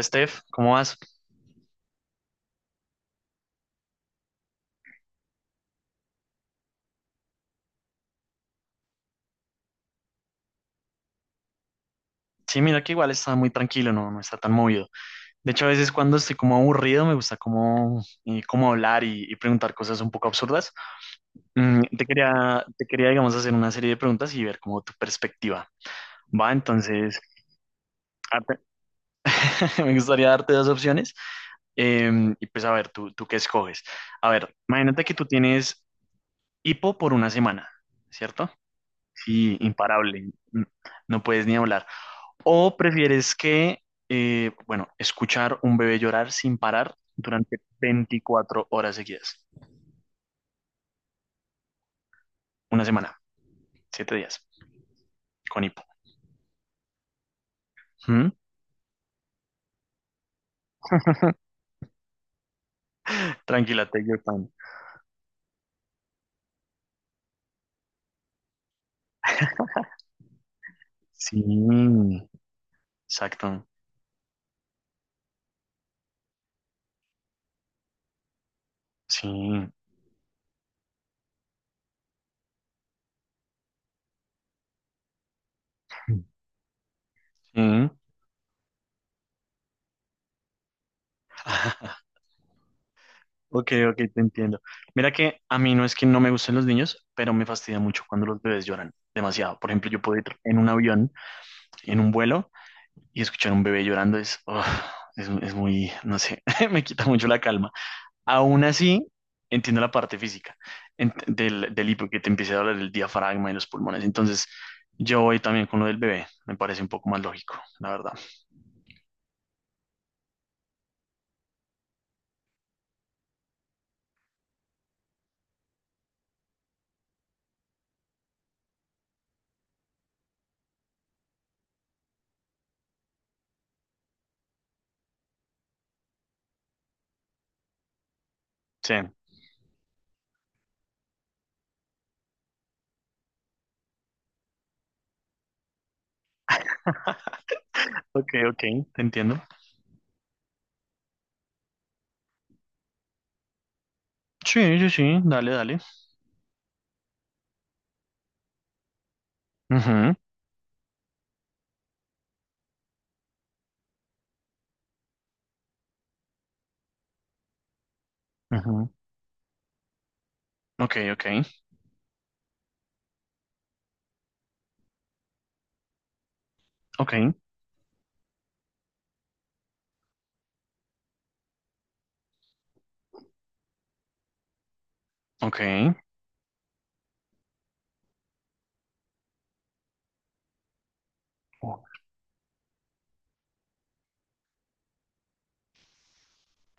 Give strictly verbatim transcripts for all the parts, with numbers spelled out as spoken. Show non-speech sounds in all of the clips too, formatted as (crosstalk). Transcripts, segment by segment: Steph, ¿cómo vas? Sí, mira que igual está muy tranquilo, no, no está tan movido. De hecho, a veces cuando estoy como aburrido me gusta como, eh, como hablar y, y preguntar cosas un poco absurdas. Mm, te quería, te quería, digamos, hacer una serie de preguntas y ver como tu perspectiva. Va, entonces, arte- (laughs) me gustaría darte dos opciones em, y pues a ver, tú, tú qué escoges. A ver, imagínate que tú tienes hipo por una semana, ¿cierto? Sí, imparable, n- no puedes ni hablar. ¿O prefieres que, eh, bueno, escuchar un bebé llorar sin parar durante veinticuatro horas seguidas? Una semana, siete días, con hipo. ¿Mm? Tranquila, take your time. Sí, exacto. Sí. Mm. (laughs) Ok, ok, te entiendo. Mira que a mí no es que no me gusten los niños, pero me fastidia mucho cuando los bebés lloran demasiado. Por ejemplo, yo puedo ir en un avión, en un vuelo, y escuchar un bebé llorando es, ugh, es, es muy, no sé, (laughs) me quita mucho la calma. Aún así, entiendo la parte física ent- del, del hipo, que te empiece a hablar el diafragma y los pulmones. Entonces, yo voy también con lo del bebé. Me parece un poco más lógico, la verdad. Sí. Ok, ok, te entiendo. Sí, sí, sí, dale, dale. Ujú, ujú. Ok, ok, ok, ok. Oh,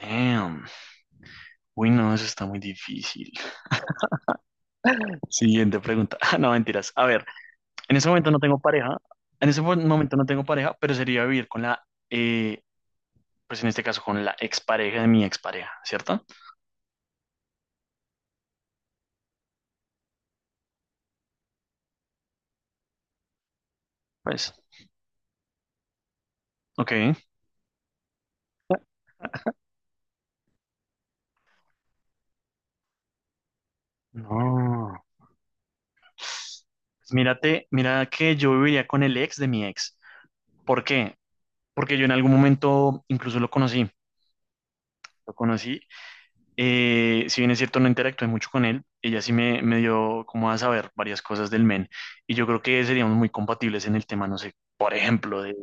damn. Uy, no, eso está muy difícil. (laughs) Siguiente pregunta. (laughs) Ah, no, mentiras. A ver, en ese momento no tengo pareja. En ese mo- momento no tengo pareja, pero sería vivir con la eh, pues en este caso con la expareja de mi expareja, ¿cierto? Pues, ok. No. Pues mírate, mira que yo viviría con el ex de mi ex. ¿Por qué? Porque yo en algún momento incluso lo conocí. Lo conocí. Eh, si bien es cierto, no interactué mucho con él. Ella sí me, me dio como a saber varias cosas del men. Y yo creo que seríamos muy compatibles en el tema, no sé, por ejemplo, de-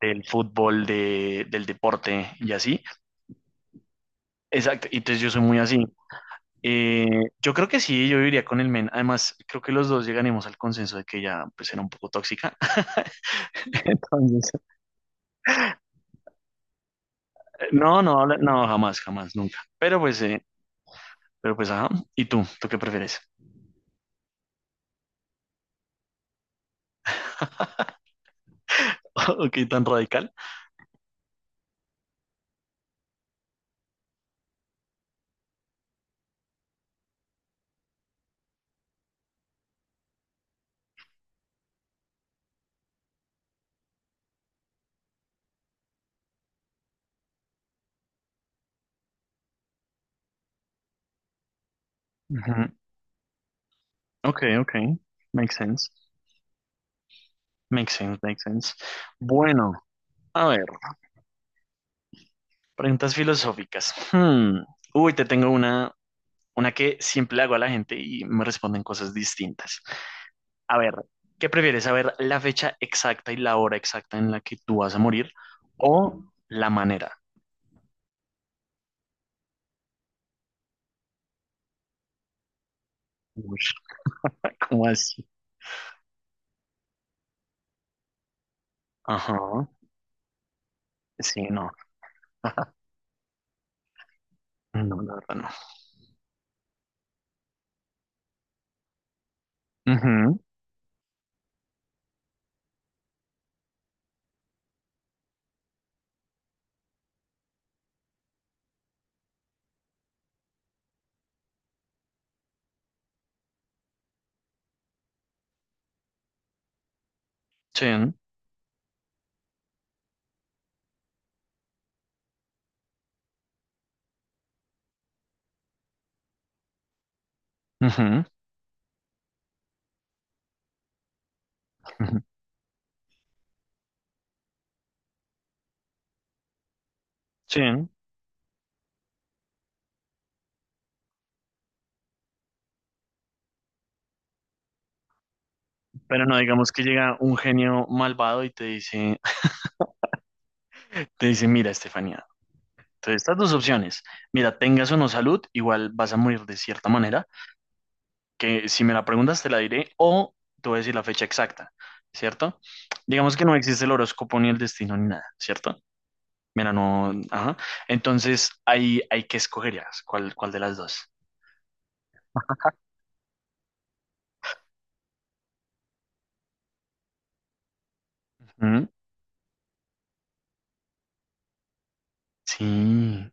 del fútbol, de, del deporte y así. Exacto. Y entonces yo soy muy así. Eh, yo creo que sí, yo iría con el men. Además, creo que los dos llegaremos al consenso de que ella pues era un poco tóxica. (laughs) Entonces, No, no, habla- no, jamás, jamás, nunca. Pero pues, eh, pero pues, ajá. ¿Y tú? ¿Tú qué prefieres? (laughs) Ok, tan radical. Ujú. Ok, ok. Makes sense. Makes sense, makes sense. Bueno, a ver, preguntas filosóficas. Hmm. Uy, te tengo una, una que siempre le hago a la gente y me responden cosas distintas. A ver, ¿qué prefieres? ¿Saber la fecha exacta y la hora exacta en la que tú vas a morir o la manera? Uy, (laughs) ¿cómo así? Ajá, sí, no, no, la verdad no. Ujú, sí, ujú, ujú, sí, pero no digamos que llega un genio malvado y te dice, (laughs) te dice, mira, Estefanía, entonces estas dos opciones, mira, tengas o no salud, igual vas a morir de cierta manera, que si me la preguntas te la diré o te voy a decir la fecha exacta, ¿cierto? Digamos que no existe el horóscopo ni el destino ni nada, ¿cierto? Mira, no, ajá. Entonces, ahí hay que escogerías cuál, cuál de las dos. ¿Mm? Sí.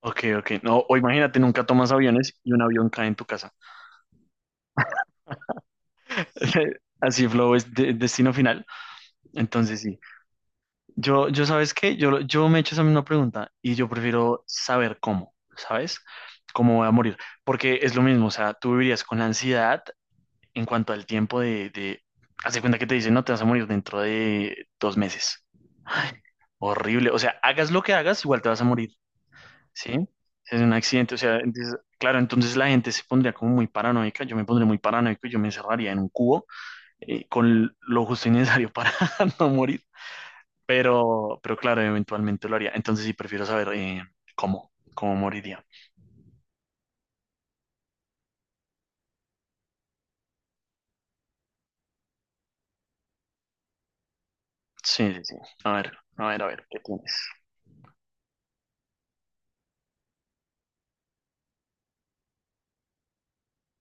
Ok, ok. No, o imagínate, nunca tomas aviones y un avión cae en tu casa. (laughs) Así flow es de- destino final. Entonces, sí. Yo, yo, ¿sabes qué? Yo, yo me he hecho esa misma pregunta y yo prefiero saber cómo, ¿sabes? Cómo voy a morir. Porque es lo mismo, o sea, tú vivirías con la ansiedad en cuanto al tiempo de, de... Haz de cuenta que te dicen, no, te vas a morir dentro de dos meses. Horrible. O sea, hagas lo que hagas, igual te vas a morir, ¿sí? Es un accidente, o sea, entonces, claro, entonces la gente se pondría como muy paranoica, yo me pondría muy paranoico, y yo me encerraría en un cubo eh, con lo justo y necesario para (laughs) no morir. Pero, pero claro, eventualmente lo haría. Entonces sí, prefiero saber eh, cómo, cómo moriría. Sí, sí, sí. A ver, a ver, a ver, ¿qué tienes?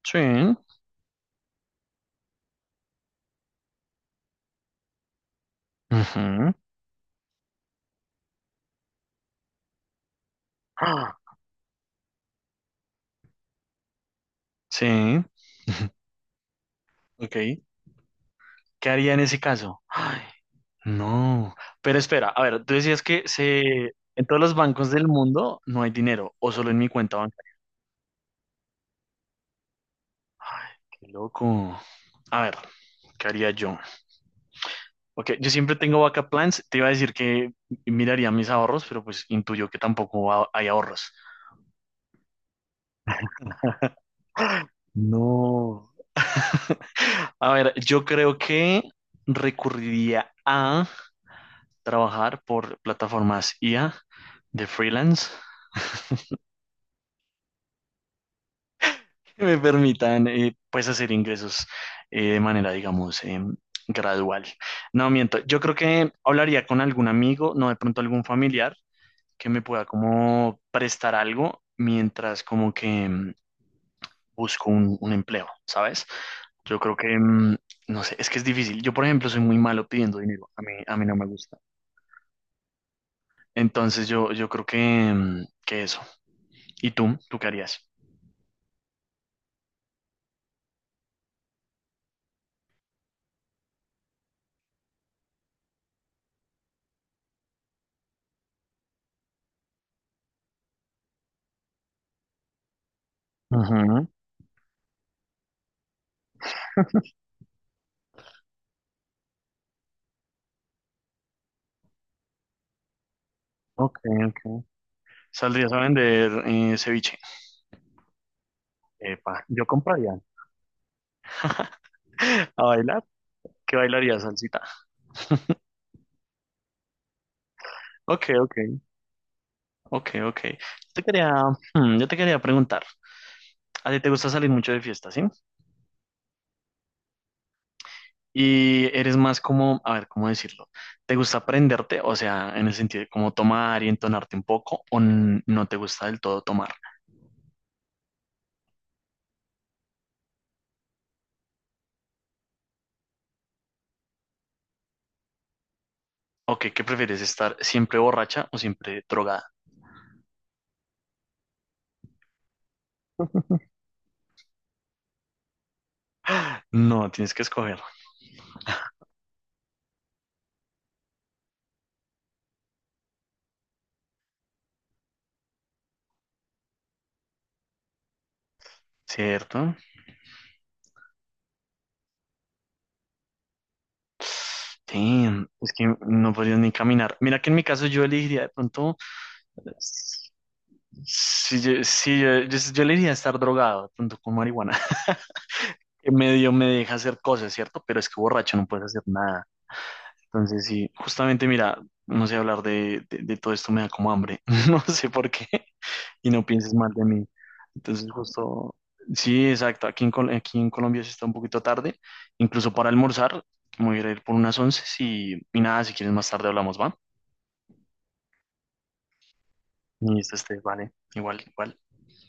Sí. Ujú. Ah, sí. (laughs) Ok. ¿Qué haría en ese caso? Ay, no. Pero espera, a ver, tú decías que se... en todos los bancos del mundo no hay dinero, o solo en mi cuenta bancaria. Qué loco. A ver, ¿qué haría yo? Ok, yo siempre tengo backup plans. Te iba a decir que miraría mis ahorros, pero pues intuyo que tampoco ha- hay ahorros. No. A ver, yo creo que recurriría a trabajar por plataformas I a de freelance que me permitan eh, pues hacer ingresos eh, de manera, digamos, eh, gradual. No, miento, yo creo que hablaría con algún amigo, no de pronto algún familiar que me pueda como prestar algo mientras como que... busco un, un empleo, ¿sabes? Yo creo que, mm, no sé, es que es difícil. Yo, por ejemplo, soy muy malo pidiendo dinero. A mí, a mí no me gusta. Entonces, yo, yo creo que, mm, que eso. ¿Y tú? ¿Tú qué harías? Ujú, ok, ok. ¿Saldrías a vender eh, ceviche? Epa, yo compraría. (laughs) ¿A bailar? ¿Qué bailarías, salsita? Ok, ok, ok, ok. Yo te quería, hmm, yo te quería preguntar. ¿A ti te gusta salir mucho de fiesta, sí? Y eres más como, a ver, ¿cómo decirlo? ¿Te gusta aprenderte? O sea, en el sentido de como tomar y entonarte un poco, o n- no te gusta del todo tomar. Ok, ¿qué prefieres? ¿Estar siempre borracha o siempre drogada? No, tienes que escoger, ¿cierto? Sí, es que no podrías ni caminar. Mira que en mi caso yo elegiría de pronto, si yo, sí, yo, yo, yo elegiría estar drogado, de pronto con marihuana. (laughs) En medio me deja hacer cosas, ¿cierto? Pero es que borracho no puedes hacer nada. Entonces, sí, justamente mira, no sé hablar de, de, de todo esto, me da como hambre, (laughs) no sé por qué, y no pienses mal de mí. Entonces, justo, sí, exacto, aquí en, Col- aquí en Colombia se está un poquito tarde, incluso para almorzar, me voy a ir a ir por unas once y, y nada, si quieres más tarde hablamos, ¿va? Y esto este, vale, igual, igual.